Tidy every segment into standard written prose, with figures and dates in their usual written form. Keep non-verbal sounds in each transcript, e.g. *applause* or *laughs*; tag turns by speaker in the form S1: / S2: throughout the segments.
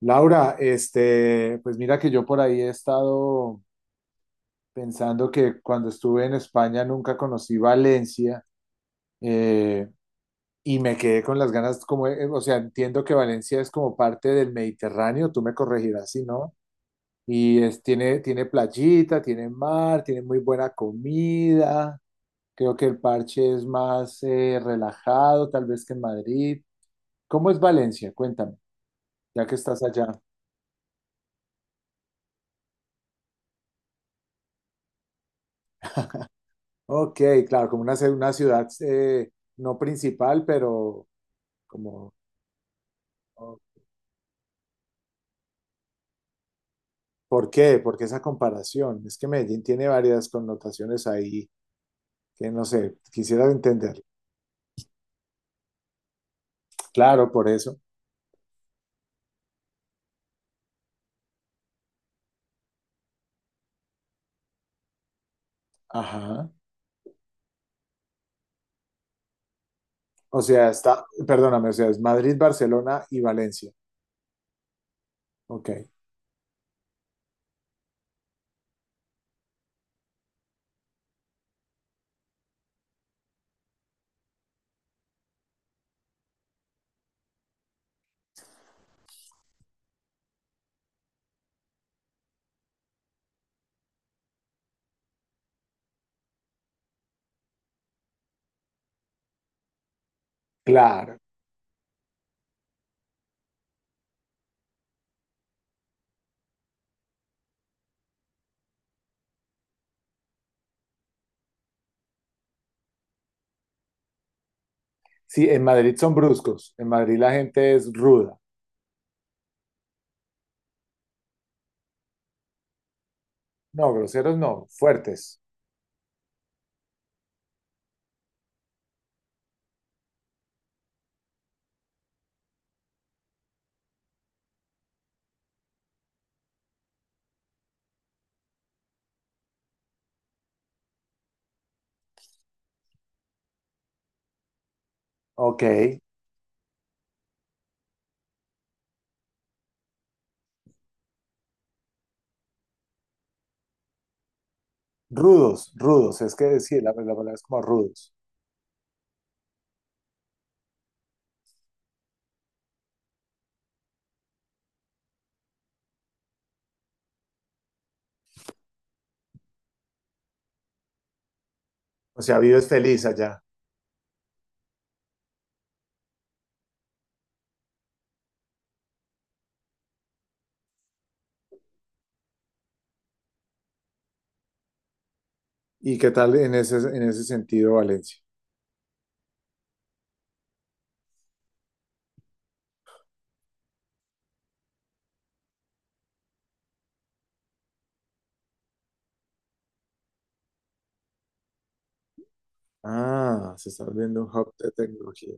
S1: Laura, este, pues mira que yo por ahí he estado pensando que cuando estuve en España nunca conocí Valencia eh, y me quedé con las ganas, como, o sea, entiendo que Valencia es como parte del Mediterráneo, tú me corregirás si no, y es, tiene, tiene playita, tiene mar, tiene muy buena comida, creo que el parche es más relajado tal vez que en Madrid. ¿Cómo es Valencia? Cuéntame, ya que estás allá. Ok, claro, como una, una ciudad no principal, pero como, o- ¿por qué? ¿Por qué esa comparación? Es que Medellín tiene varias connotaciones ahí que no sé, quisiera entender. Claro, por eso. Ajá. O sea, está, perdóname, o sea, es Madrid, Barcelona y Valencia. Ok, claro. Sí, en Madrid son bruscos, en Madrid la gente es ruda. No, groseros no, fuertes. Ok, rudos, rudos, es que sí, la palabra es como rudos. O sea, vives feliz allá. ¿Y qué tal en ese sentido Valencia? Ah, se está volviendo un hub de tecnología.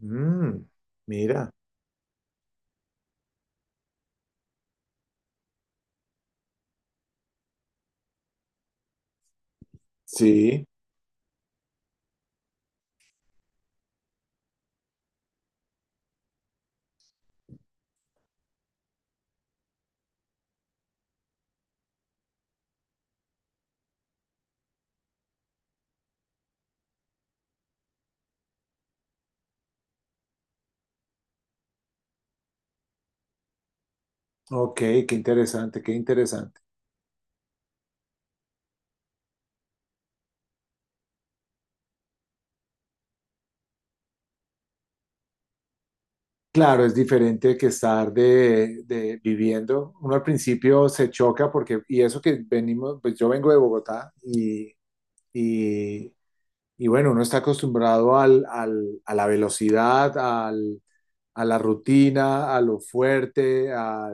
S1: Mm, mira, sí, ok, qué interesante, qué interesante. Claro, es diferente que estar de viviendo. Uno al principio se choca porque, y eso que venimos, pues yo vengo de Bogotá y, y bueno, uno está acostumbrado al, a la velocidad, al, a la rutina, a lo fuerte, a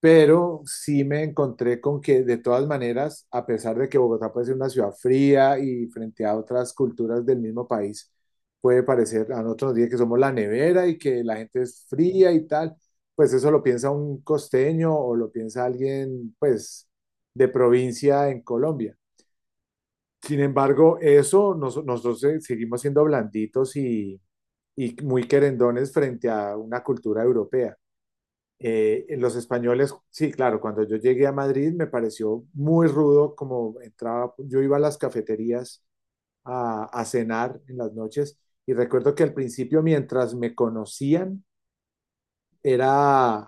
S1: pero sí me encontré con que de todas maneras, a pesar de que Bogotá puede ser una ciudad fría y frente a otras culturas del mismo país, puede parecer, a nosotros nos dicen que somos la nevera y que la gente es fría y tal, pues eso lo piensa un costeño o lo piensa alguien, pues, de provincia en Colombia. Sin embargo, nosotros seguimos siendo blanditos y muy querendones frente a una cultura europea. Los españoles, sí, claro, cuando yo llegué a Madrid me pareció muy rudo como entraba, yo iba a las cafeterías a cenar en las noches y recuerdo que al principio mientras me conocían era,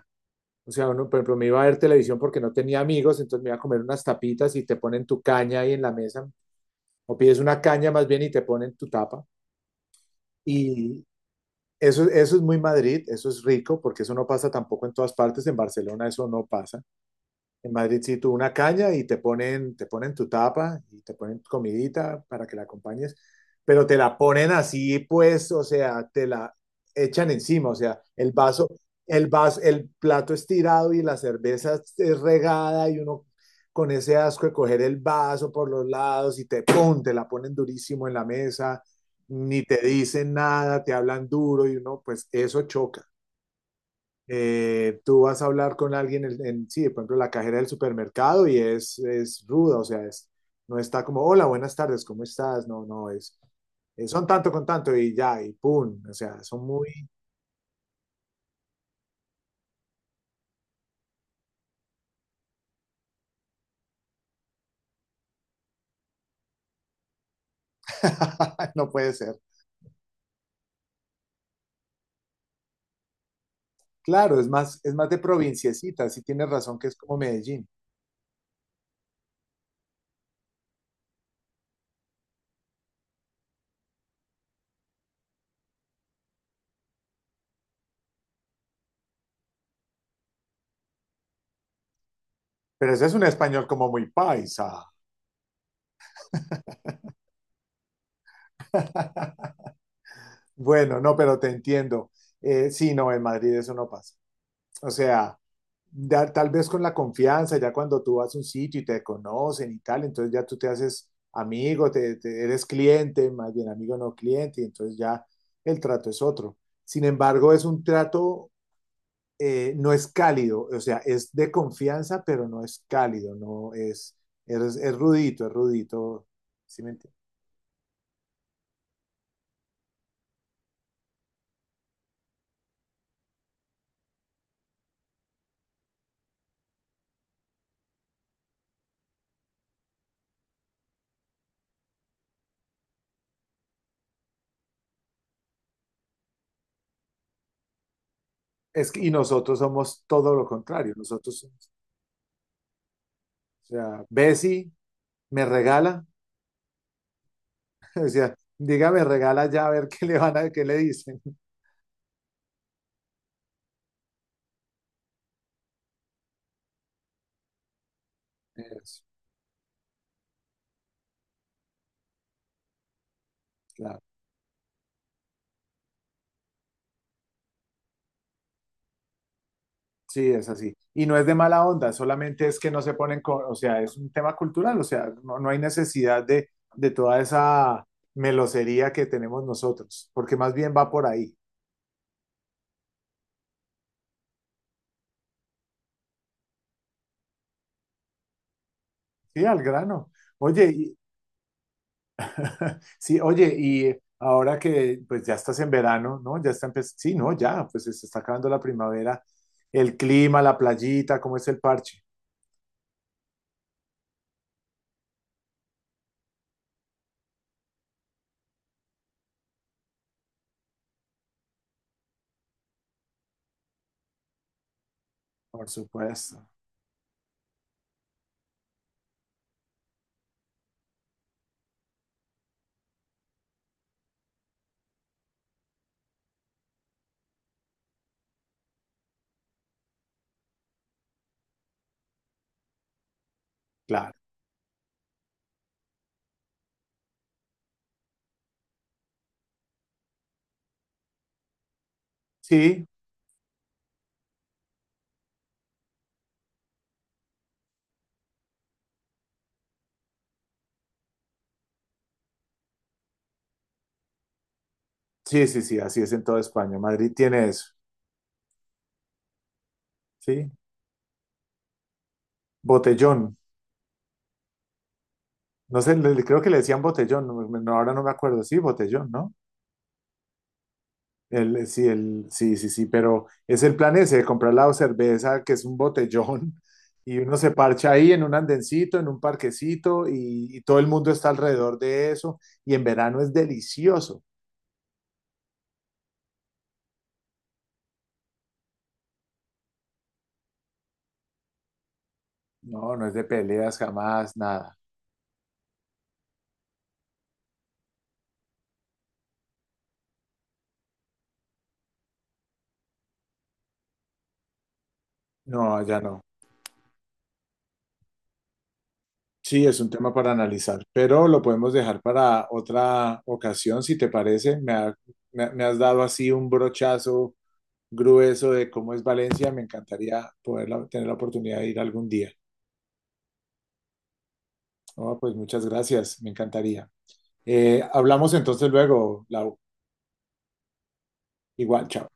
S1: o sea, uno, por ejemplo, me iba a ver televisión porque no tenía amigos, entonces me iba a comer unas tapitas y te ponen tu caña ahí en la mesa, o pides una caña más bien y te ponen tu tapa. Y eso es muy Madrid, eso es rico, porque eso no pasa tampoco en todas partes, en Barcelona eso no pasa. En Madrid sí, tú una caña y te ponen tu tapa y te ponen comidita para que la acompañes, pero te la ponen así, pues, o sea, te la echan encima, o sea, el vaso, el plato estirado y la cerveza es regada y uno con ese asco de coger el vaso por los lados y te la ponen durísimo en la mesa, ni te dicen nada, te hablan duro y uno, pues, eso choca tú vas a hablar con alguien, en, sí, por ejemplo, la cajera del supermercado y es ruda, o sea, es, no está como, hola, buenas tardes, ¿cómo estás? No, no, es, son tanto con tanto y ya, y pum, o sea, son muy, *laughs* no puede ser. Claro, es más de provinciecita, sí tienes razón que es como Medellín, pero ese es un español como muy paisa. Bueno, no, pero te entiendo. Sí, no, en Madrid eso no pasa. O sea, ya tal vez con la confianza, ya cuando tú vas a un sitio y te conocen y tal, entonces ya tú te haces amigo, te, eres cliente, más bien amigo no cliente, y entonces ya el trato es otro. Sin embargo, es un trato, no es cálido, o sea, es de confianza, pero no es cálido, no es, es rudito, ¿sí me entiendes? Y nosotros somos todo lo contrario, nosotros, somos, o sea, Bessie me regala, *laughs* o sea, dígame regala ya a ver qué le van a, qué le dicen. Es, claro. Sí, es así. Y no es de mala onda, solamente es que no se ponen con, o sea, es un tema cultural, o sea, no, no hay necesidad de toda esa melosería que tenemos nosotros, porque más bien va por ahí, sí, al grano. Oye, *laughs* sí, oye, y ahora que pues ya estás en verano, ¿no? Ya está empezando, sí, no, ya, pues se está acabando la primavera, el clima, la playita, ¿cómo es el parche? Por supuesto, claro. Sí, sí, sí, sí, así es en toda España. Madrid tiene eso, sí. Botellón. No sé, creo que le decían botellón, no, no, ahora no me acuerdo. Sí, botellón, ¿no? El, sí, sí, sí, pero es el plan ese, de comprar la cerveza, que es un botellón, *laughs* y uno se parcha ahí en un andencito, en un parquecito, y todo el mundo está alrededor de eso, y en verano es delicioso. No, no es de peleas jamás, nada. No, ya no. Sí, es un tema para analizar, pero lo podemos dejar para otra ocasión, si te parece. Me has dado así un brochazo grueso de cómo es Valencia, me encantaría poder tener la oportunidad de ir algún día. No, pues muchas gracias, me encantaría. Hablamos entonces luego, Lau. Igual, chao.